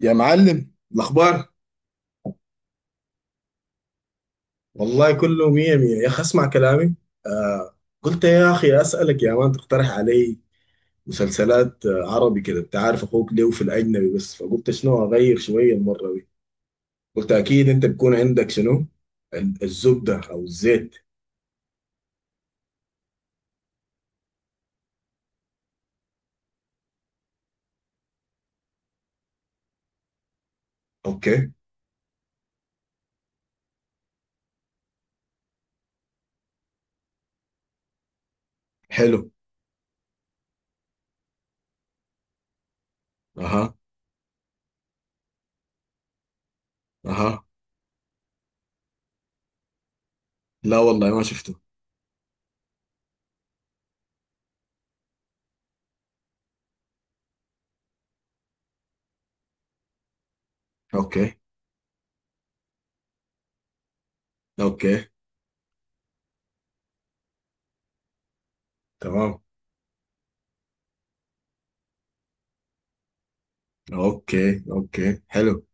يا معلم، الأخبار؟ والله كله مية مية يا أخي اسمع كلامي. آه، قلت يا أخي أسألك يا مان تقترح علي مسلسلات، عربي كده. أنت عارف أخوك ليه في الأجنبي بس، فقلت شنو أغير شوية المرة دي. قلت أكيد أنت بيكون عندك شنو. الزبدة أو الزيت. أوكي. حلو. أها. أها. لا والله ما شفته. أوكي، أوكي. تمام. أوكي، أوكي، حلو.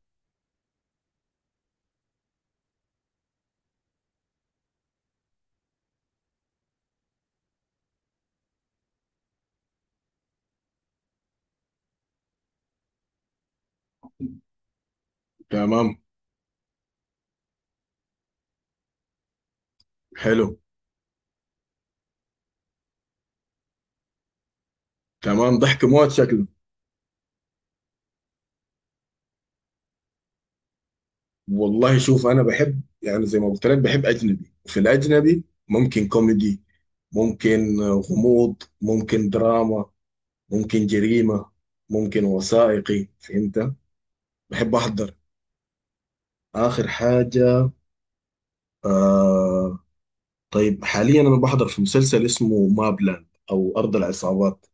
تمام. حلو. تمام، ضحك موت شكله. والله شوف، انا بحب يعني زي ما قلت لك، بحب اجنبي، في الاجنبي ممكن كوميدي، ممكن غموض، ممكن دراما، ممكن جريمة، ممكن وثائقي، فهمت. بحب احضر اخر حاجة. آه. طيب حاليا انا بحضر في مسلسل اسمه مابلاند او ارض العصابات.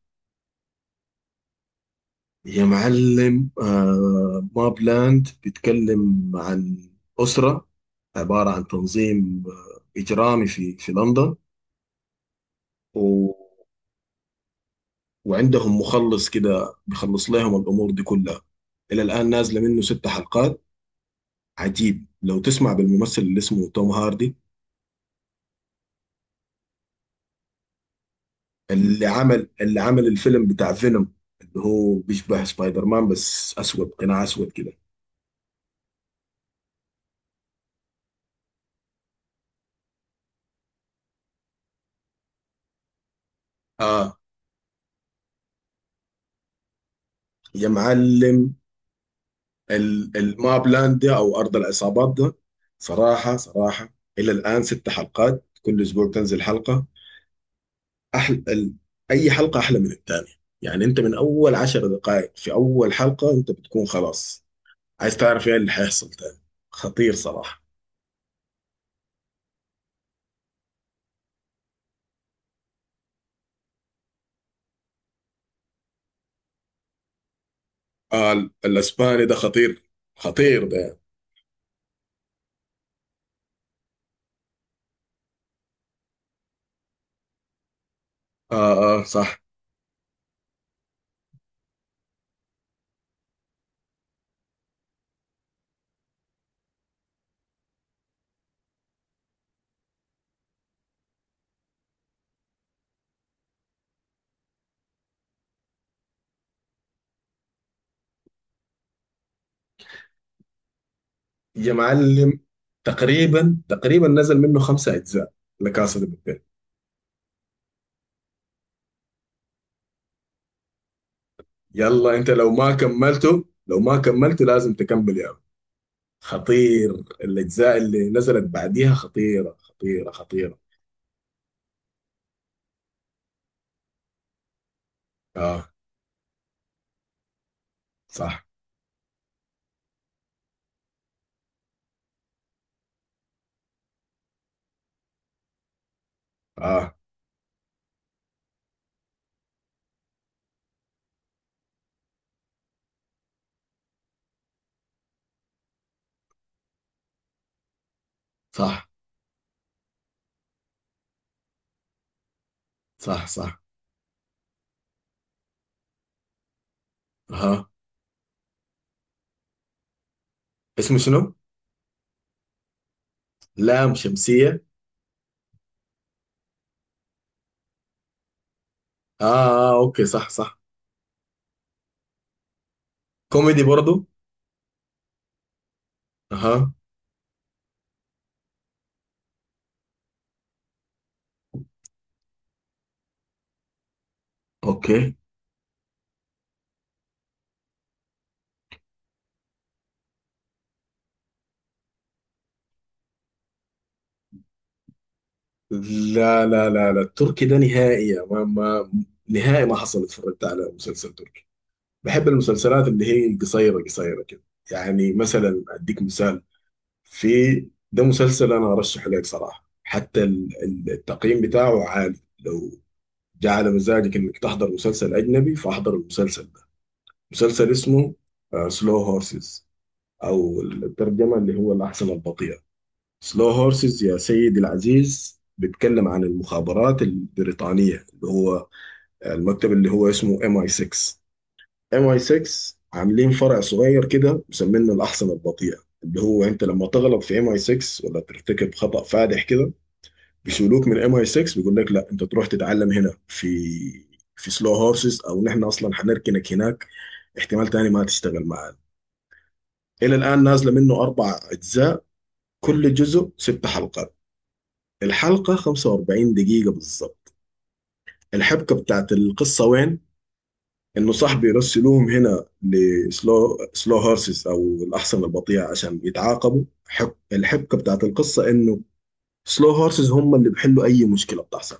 يا معلم، آه، مابلاند بيتكلم عن اسرة، عبارة عن تنظيم اجرامي في لندن، وعندهم مخلص كده بيخلص لهم الامور دي كلها. الى الان نازله منه 6 حلقات. عجيب لو تسمع بالممثل اللي اسمه توم هاردي، اللي عمل الفيلم بتاع فينوم، اللي هو بيشبه سبايدر مان بس اسود، قناع اسود كده. اه. يا معلم، الماب لاند ده او ارض العصابات ده، صراحه صراحه الى الان 6 حلقات، كل اسبوع تنزل حلقه. أحل... ال... أي حلقة أحلى من التانية. يعني أنت من أول 10 دقائق في أول حلقة أنت بتكون خلاص عايز تعرف إيه اللي حيحصل تاني. خطير صراحة. آه، الأسباني ده خطير، خطير ده. آه، آه، صح. يا معلم، تقريبا تقريبا نزل منه 5 أجزاء لكاسا دي بابيل. يلا أنت، لو ما كملته لو ما كملته لازم تكمل يا عم. خطير. الأجزاء اللي نزلت بعديها خطيرة خطيرة خطيرة. آه، صح. آه، صح، صح، صح. اها. اسمه شنو؟ لام شمسية. آه، اه، اوكي، صح، صح. كوميدي برضو؟ اها. اوكي. لا، لا، لا، لا، التركي ده نهائي. ما نهائي ما حصل اتفرجت على مسلسل تركي. بحب المسلسلات اللي هي قصيرة قصيرة كده. يعني مثلا اديك مثال، في ده مسلسل انا ارشح لك صراحة، حتى التقييم بتاعه عالي. لو جعل مزاجك انك تحضر مسلسل اجنبي، فاحضر المسلسل. مسلسل اسمه سلو هورسز، او الترجمه اللي هو الاحصنه البطيئه. سلو هورسز يا سيدي العزيز بيتكلم عن المخابرات البريطانيه، اللي هو المكتب اللي هو اسمه ام اي 6. ام اي 6 عاملين فرع صغير كده مسمينه الاحصنه البطيئه، اللي هو انت لما تغلط في ام اي 6 ولا ترتكب خطأ فادح كده، بيشيلوك من ام اي 6، بيقول لك لا، انت تروح تتعلم هنا في سلو هورسز، او نحن اصلا هنركنك هناك، احتمال تاني ما تشتغل معانا. إلى الآن نازلة منه 4 أجزاء، كل جزء 6 حلقات، الحلقة 45 دقيقة بالضبط. الحبكة بتاعت القصة وين؟ إنه صاحبي يرسلوهم هنا لسلو سلو هورسز أو الأحصنة البطيئة عشان يتعاقبوا. الحبكة بتاعت القصة إنه سلو هورسز هم اللي بيحلوا أي مشكلة بتحصل.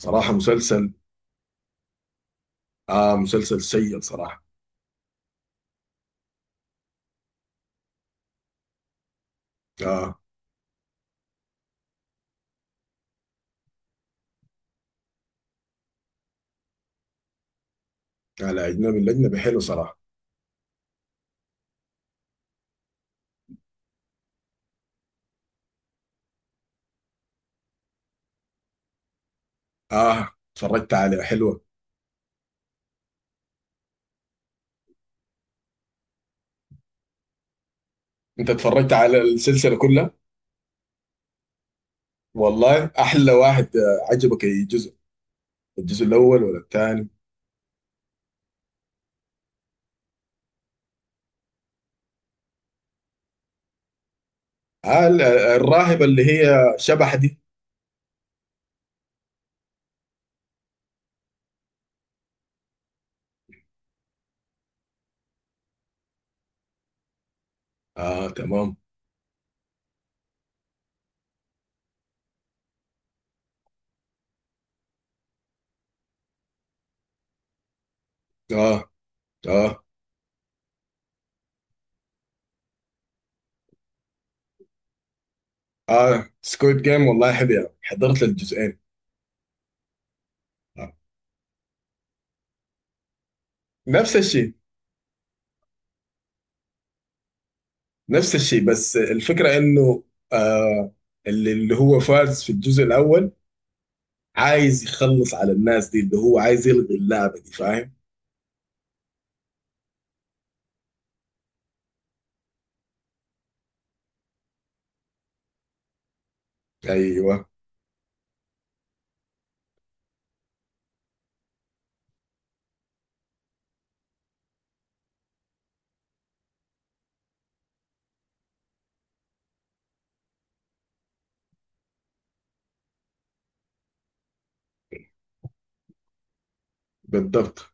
صراحة مسلسل، آه، مسلسل سيء صراحة. آه. على أجنبي، الأجنبي حلو صراحة. آه، اتفرجت عليه، حلوة. أنت اتفرجت على السلسلة كلها؟ والله احلى واحد، عجبك اي جزء؟ الجزء الاول ولا الثاني؟ آه، الراهبه اللي هي شبح دي. اه، تمام. اه، اه، اه، سكويد جيم، والله حلو يعني، حضرت الجزئين. آه. نفس الشيء. نفس الشيء، بس الفكره انه، آه، اللي هو فارز في الجزء الاول عايز يخلص على الناس دي، اللي هو عايز يلغي اللعبه دي، فاهم. ايوه. بالضبط.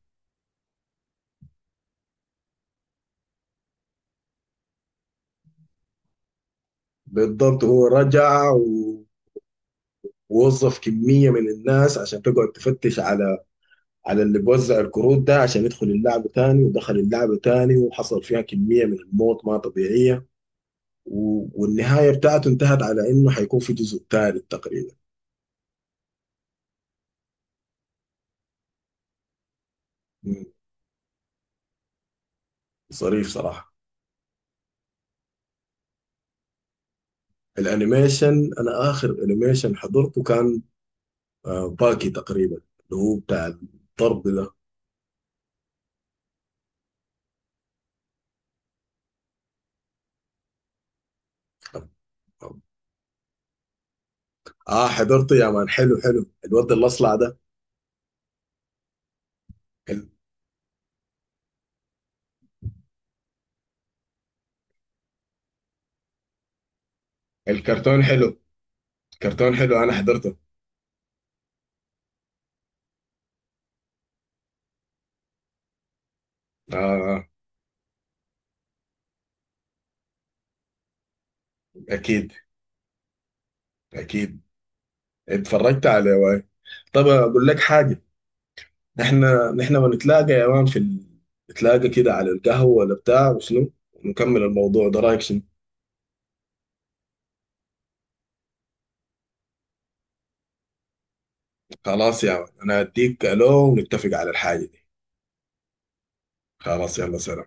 بالضبط، هو رجع ووظف كمية من الناس عشان تقعد تفتش على اللي بوزع الكروت ده عشان يدخل اللعبة تاني، ودخل اللعبة تاني وحصل فيها كمية من الموت ما طبيعية. والنهاية بتاعته انتهت على انه حيكون في جزء تالت تقريبا. مم. ظريف صراحة. الانيميشن، انا اخر انيميشن حضرته كان، باكي تقريبا، اللي هو بتاع الضرب ده. اه حضرته يا مان، حلو حلو، الواد الاصلع ده. ال- الكرتون حلو. كرتون حلو، انا حضرته. آه آه، اكيد. اكيد اتفرجت على واي. طب اقول لك حاجه؟ نحن بنتلاقى يا مان في نتلاقى كده على القهوه ولا بتاع وشنو، ونكمل الموضوع ده، رايك شنو؟ خلاص يا مان، انا هديك الو ونتفق على الحاجه دي. خلاص، يلا، سلام.